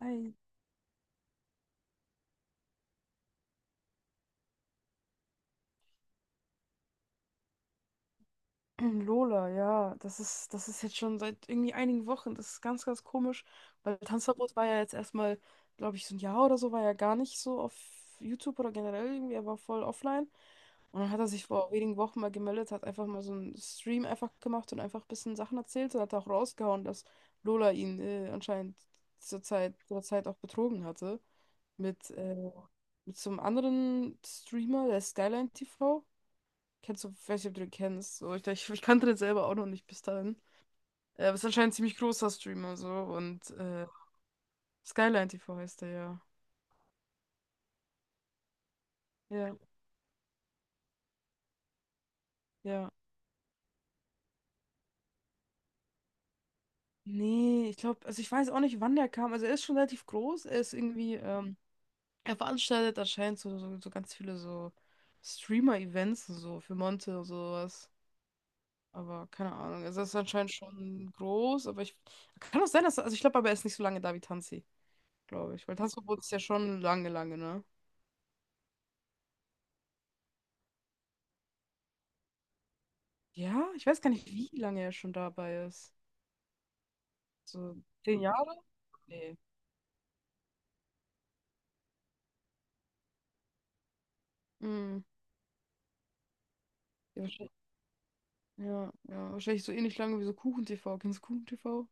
Ei, Lola, ja, das ist jetzt schon seit irgendwie einigen Wochen. Das ist ganz, ganz komisch, weil Tanzverbot war ja jetzt erstmal, glaube ich, so ein Jahr oder so, war ja gar nicht so auf YouTube oder generell irgendwie, er war voll offline. Und dann hat er sich vor wenigen Wochen mal gemeldet, hat einfach mal so einen Stream einfach gemacht und einfach ein bisschen Sachen erzählt und hat auch rausgehauen, dass Lola ihn anscheinend zur Zeit auch betrogen hatte. Mit, äh, mit so einem anderen Streamer, der Skyline TV. Kennst du, ich weiß nicht, ob du den kennst. So, ich kannte den selber auch noch nicht bis dahin. Aber ist anscheinend ein ziemlich großer Streamer so. Und Skyline TV heißt der ja. Ja, ja. Nee, ich glaube, also ich weiß auch nicht, wann der kam. Also er ist schon relativ groß. Er ist irgendwie, er veranstaltet anscheinend so ganz viele so Streamer-Events und so für Monte und sowas. Aber keine Ahnung. Also er ist anscheinend schon groß, aber ich. Kann auch sein, dass. Also ich glaube aber, er ist nicht so lange da wie Tanzi, glaube ich. Weil Tanzi ist ja schon lange, lange, ne? Ja, ich weiß gar nicht, wie lange er schon dabei ist. So 10 Jahre? Nee. Mm. Ja, wahrscheinlich, ja, ja, wahrscheinlich so ähnlich lange wie so Kuchen-TV. Kennst du Kuchen-TV?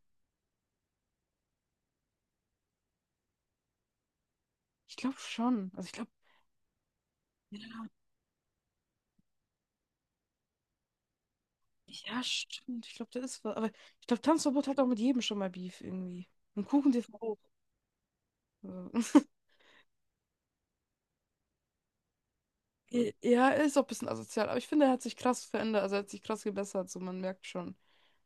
Ich glaube schon. Also ich glaube, ja, ja, stimmt. Ich glaube, da ist was. Aber ich glaube, Tanzverbot hat auch mit jedem schon mal Beef irgendwie. Und Kuchen-TV auch. Ja. Ja, er ist auch ein bisschen asozial, aber ich finde, er hat sich krass verändert, also er hat sich krass gebessert, so man merkt schon.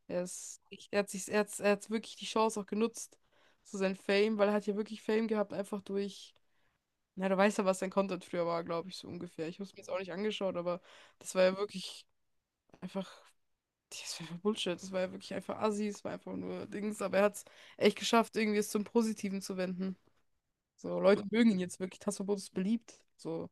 Er ist, er hat sich, er hat wirklich die Chance auch genutzt, so sein Fame, weil er hat ja wirklich Fame gehabt, einfach durch, na, du weißt ja, was sein Content früher war, glaube ich, so ungefähr. Ich habe es mir jetzt auch nicht angeschaut, aber das war ja wirklich einfach, das war einfach Bullshit, das war ja wirklich einfach Assi, es war einfach nur Dings, aber er hat es echt geschafft, irgendwie es zum Positiven zu wenden. So, Leute mögen ihn jetzt wirklich, Tasso Bodo ist beliebt, so,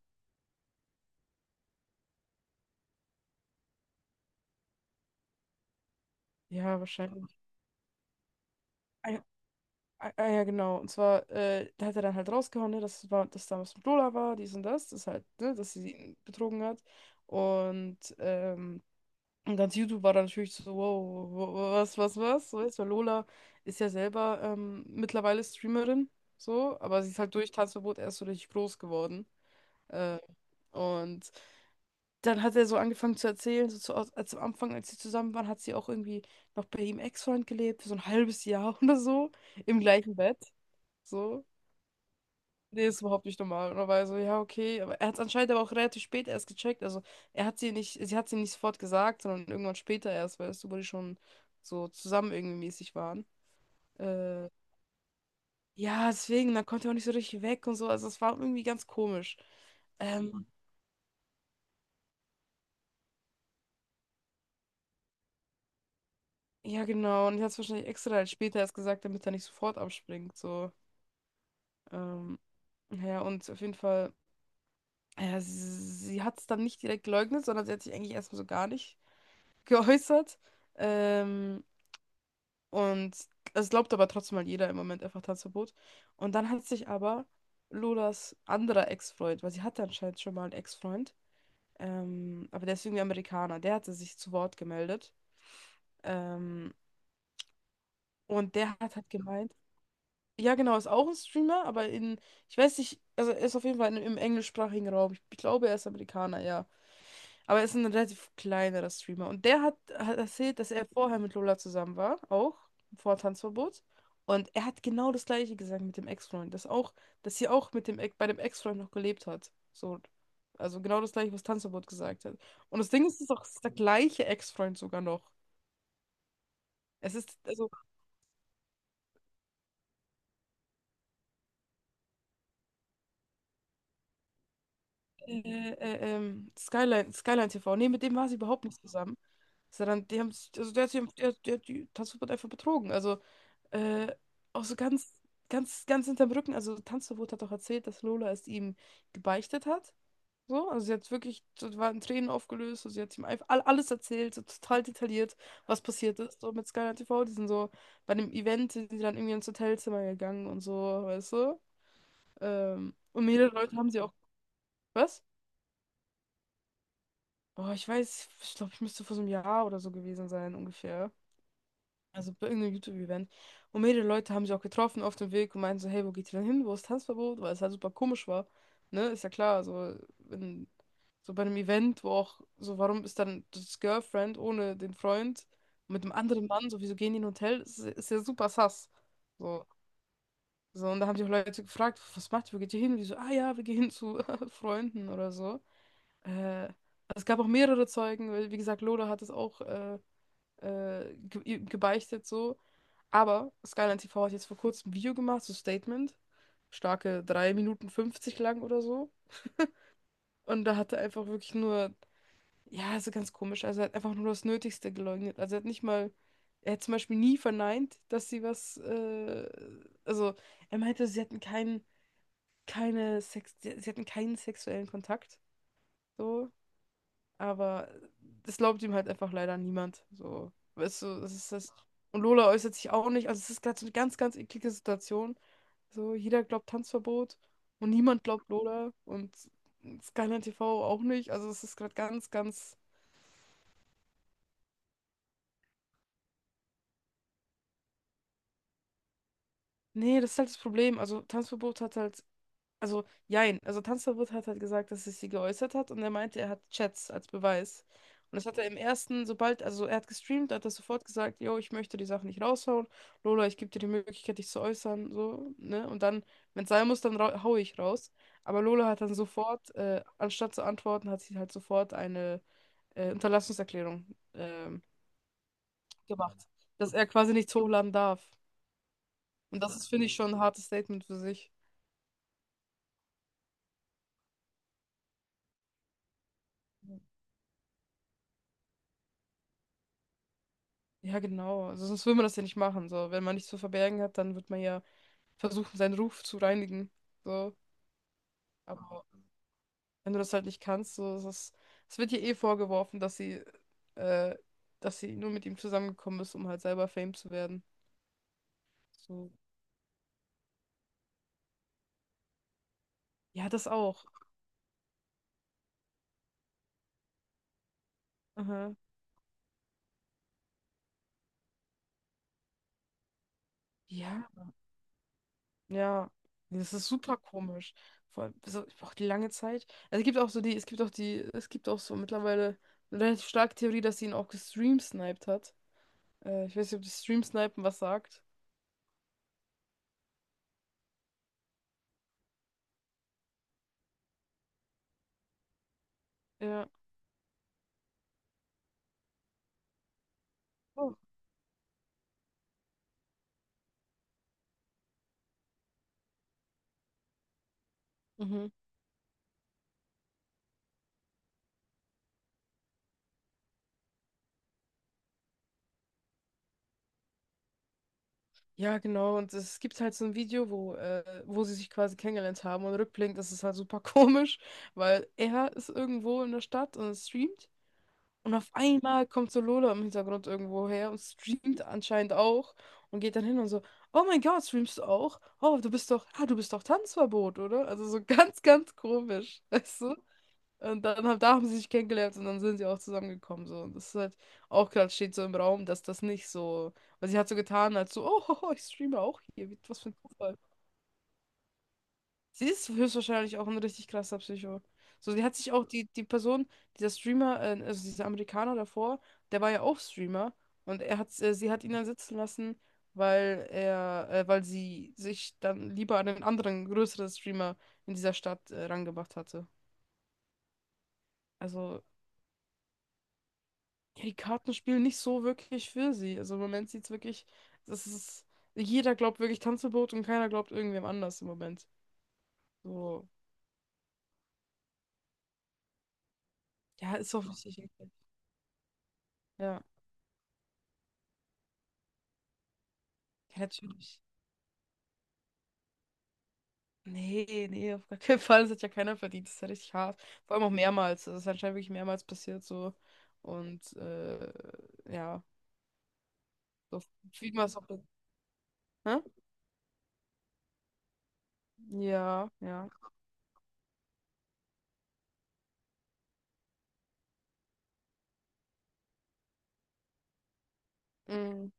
ja, wahrscheinlich. Ah, ah, ja, genau. Und zwar, da hat er dann halt rausgehauen, ne, dass es war, dass damals mit Lola war, dies und das, das halt, ne, dass sie ihn betrogen hat. Und, ähm, und ganz YouTube war dann natürlich so, wow, was, was, was, so ist, weil Lola ist ja selber mittlerweile Streamerin, so, aber sie ist halt durch Tanzverbot erst so richtig groß geworden. Äh, und dann hat er so angefangen zu erzählen, so zu, als am Anfang, als sie zusammen waren, hat sie auch irgendwie noch bei ihm Ex-Freund gelebt, für so ein halbes Jahr oder so, im gleichen Bett. So. Nee, ist überhaupt nicht normal. Und er war so, ja, okay. Aber er hat es anscheinend aber auch relativ spät erst gecheckt. Also er hat sie nicht, sie hat sie nicht sofort gesagt, sondern irgendwann später erst, weißt du, wo die schon so zusammen irgendwie mäßig waren. Äh, ja, deswegen, dann konnte er auch nicht so richtig weg und so. Also es war irgendwie ganz komisch. Ähm, ja, genau. Und er hat es wahrscheinlich extra halt später erst gesagt, damit er nicht sofort abspringt. So. Ähm, ja, und auf jeden Fall, ja, sie hat es dann nicht direkt geleugnet, sondern sie hat sich eigentlich erstmal so gar nicht geäußert. Ähm, Und es glaubt aber trotzdem mal jeder im Moment einfach Tanzverbot. Und dann hat sich aber Lolas anderer Ex-Freund, weil sie hatte anscheinend schon mal einen Ex-Freund, aber der ist irgendwie Amerikaner, der hatte sich zu Wort gemeldet. Ähm, und der hat halt gemeint, ja genau, ist auch ein Streamer, aber in, ich weiß nicht, also er ist auf jeden Fall in, im englischsprachigen Raum. Ich glaube, er ist Amerikaner, ja. Aber er ist ein relativ kleinerer Streamer. Und der hat erzählt, dass er vorher mit Lola zusammen war, auch vor Tanzverbot. Und er hat genau das Gleiche gesagt mit dem Ex-Freund. Dass auch, dass sie auch mit dem, bei dem Ex-Freund noch gelebt hat. So, also genau das Gleiche, was Tanzverbot gesagt hat. Und das Ding ist, es ist auch der gleiche Ex-Freund sogar noch. Es ist, also, äh, Skyline TV. Nee, mit dem war sie überhaupt nicht zusammen. Sondern die haben, also der hat sie, die Tanzverbot einfach betrogen. Also, Äh, auch so ganz hinterm Rücken. Also Tanzverbot hat auch erzählt, dass Lola es ihm gebeichtet hat. So, also sie hat wirklich, so, war in Tränen aufgelöst, so, sie hat ihm einfach alles erzählt, so total detailliert, was passiert ist. So mit Skyline TV, die sind so bei dem Event, sind sie dann irgendwie ins Hotelzimmer gegangen und so, weißt du? Und mehrere Leute haben sie auch, was? Oh, ich weiß, ich glaube, ich müsste vor so einem Jahr oder so gewesen sein, ungefähr. Also bei irgendeinem YouTube-Event. Und mehrere Leute haben sich auch getroffen auf dem Weg und meinten so, hey, wo geht ihr denn hin? Wo ist Tanzverbot? Weil es halt super komisch war. Ne, ist ja klar, also wenn, so bei einem Event, wo auch, so warum ist dann das Girlfriend ohne den Freund mit einem anderen Mann, so wieso gehen die in ein Hotel? Ist ja super sus. So, so, und da haben sich auch Leute gefragt, was macht ihr, wo geht ihr hin? Wie so, ah ja, wir gehen hin zu Freunden oder so. Äh, Es gab auch mehrere Zeugen, weil, wie gesagt, Lola hat es auch ge gebeichtet so. Aber Skyline TV hat jetzt vor kurzem ein Video gemacht, so Statement, starke 3:50 lang oder so. Und da hat er einfach wirklich nur, ja, also ganz komisch, also er hat einfach nur das Nötigste geleugnet. Also er hat nicht mal, er hat zum Beispiel nie verneint, dass sie was, also er meinte, sie hatten keinen, keine Sex, sie hatten keinen sexuellen Kontakt. So, aber das glaubt ihm halt einfach leider niemand. So, weißt du, das ist das. Und Lola äußert sich auch nicht. Also es ist gerade so eine ganz, ganz eklige Situation. So, jeder glaubt Tanzverbot und niemand glaubt Lola und Skyline TV auch nicht. Also es ist gerade ganz, ganz. Nee, das ist halt das Problem. Also Tanzverbot hat halt. Also, jein. Also, Tanzverbot hat halt gesagt, dass es sie geäußert hat und er meinte, er hat Chats als Beweis. Und das hat er im ersten, sobald, also er hat gestreamt, hat er sofort gesagt, yo, ich möchte die Sachen nicht raushauen. Lola, ich gebe dir die Möglichkeit, dich zu äußern, so, ne? Und dann, wenn es sein muss, dann hau ich raus. Aber Lola hat dann sofort, anstatt zu antworten, hat sie halt sofort eine Unterlassungserklärung ähm, gemacht, dass er quasi nichts hochladen darf. Und das ist, finde ich, schon ein hartes Statement für sich. Ja, genau. Also sonst will man das ja nicht machen. So, wenn man nichts zu verbergen hat, dann wird man ja versuchen, seinen Ruf zu reinigen. So. Aber wenn du das halt nicht kannst, so, es ist, es wird ihr eh vorgeworfen, äh, dass sie nur mit ihm zusammengekommen ist, um halt selber Fame zu werden. So. Ja, das auch. Aha. Ja, ja. Nee, das ist super komisch. Vor allem, so, ich brauche die lange Zeit. Also es gibt auch so die, es gibt auch die, es gibt auch so mittlerweile eine relativ starke Theorie, dass sie ihn auch gestreamsniped hat. Ich weiß nicht, ob das Stream Snipen was sagt. Ja. Oh. Mhm. Ja, genau. Und es gibt halt so ein Video, wo, wo sie sich quasi kennengelernt haben. Und rückblickend ist es halt super komisch, weil er ist irgendwo in der Stadt und streamt. Und auf einmal kommt so Lola im Hintergrund irgendwo her und streamt anscheinend auch. Und geht dann hin und so, oh mein Gott, streamst du auch? Oh, du bist doch, ah, du bist doch Tanzverbot, oder? Also so ganz, ganz komisch. Weißt du? Und dann haben, da haben sie sich kennengelernt und dann sind sie auch zusammengekommen. So. Und das ist halt auch gerade steht so im Raum, dass das nicht so. Weil sie hat so getan, als so, oh, ich streame auch hier. Wie, was für ein Zufall. Sie ist höchstwahrscheinlich auch ein richtig krasser Psycho. So, sie hat sich auch die, die Person, dieser Streamer, also dieser Amerikaner davor, der war ja auch Streamer. Und er hat, sie hat ihn dann sitzen lassen, weil er, weil sie sich dann lieber an einen anderen größeren Streamer in dieser Stadt, rangemacht hatte. Also. Ja, die Karten spielen nicht so wirklich für sie. Also im Moment sieht's wirklich, das ist, jeder glaubt wirklich Tanzverbot und keiner glaubt irgendwem anders im Moment. So, ja, ist auch richtig. Irgendwie. Ja, ja, natürlich. Nee, nee, auf gar keinen Fall. Das hat ja keiner verdient. Das ist ja richtig hart. Vor allem auch mehrmals. Das ist anscheinend wirklich mehrmals passiert so. Und ja, so viel man es auch. Hä? Ja, ja. Mm,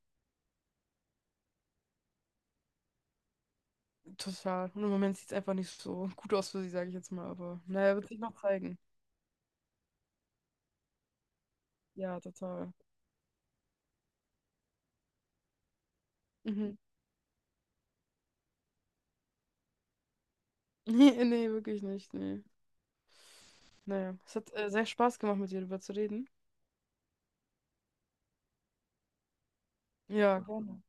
total. Und im Moment sieht es einfach nicht so gut aus für sie, sage ich jetzt mal. Aber naja, wird sich noch zeigen. Ja, total. Mhm. Nee, nee, wirklich nicht. Nee. Naja, es hat sehr Spaß gemacht, mit dir darüber zu reden. Ja, ja,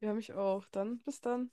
ja, mich auch. Dann, bis dann.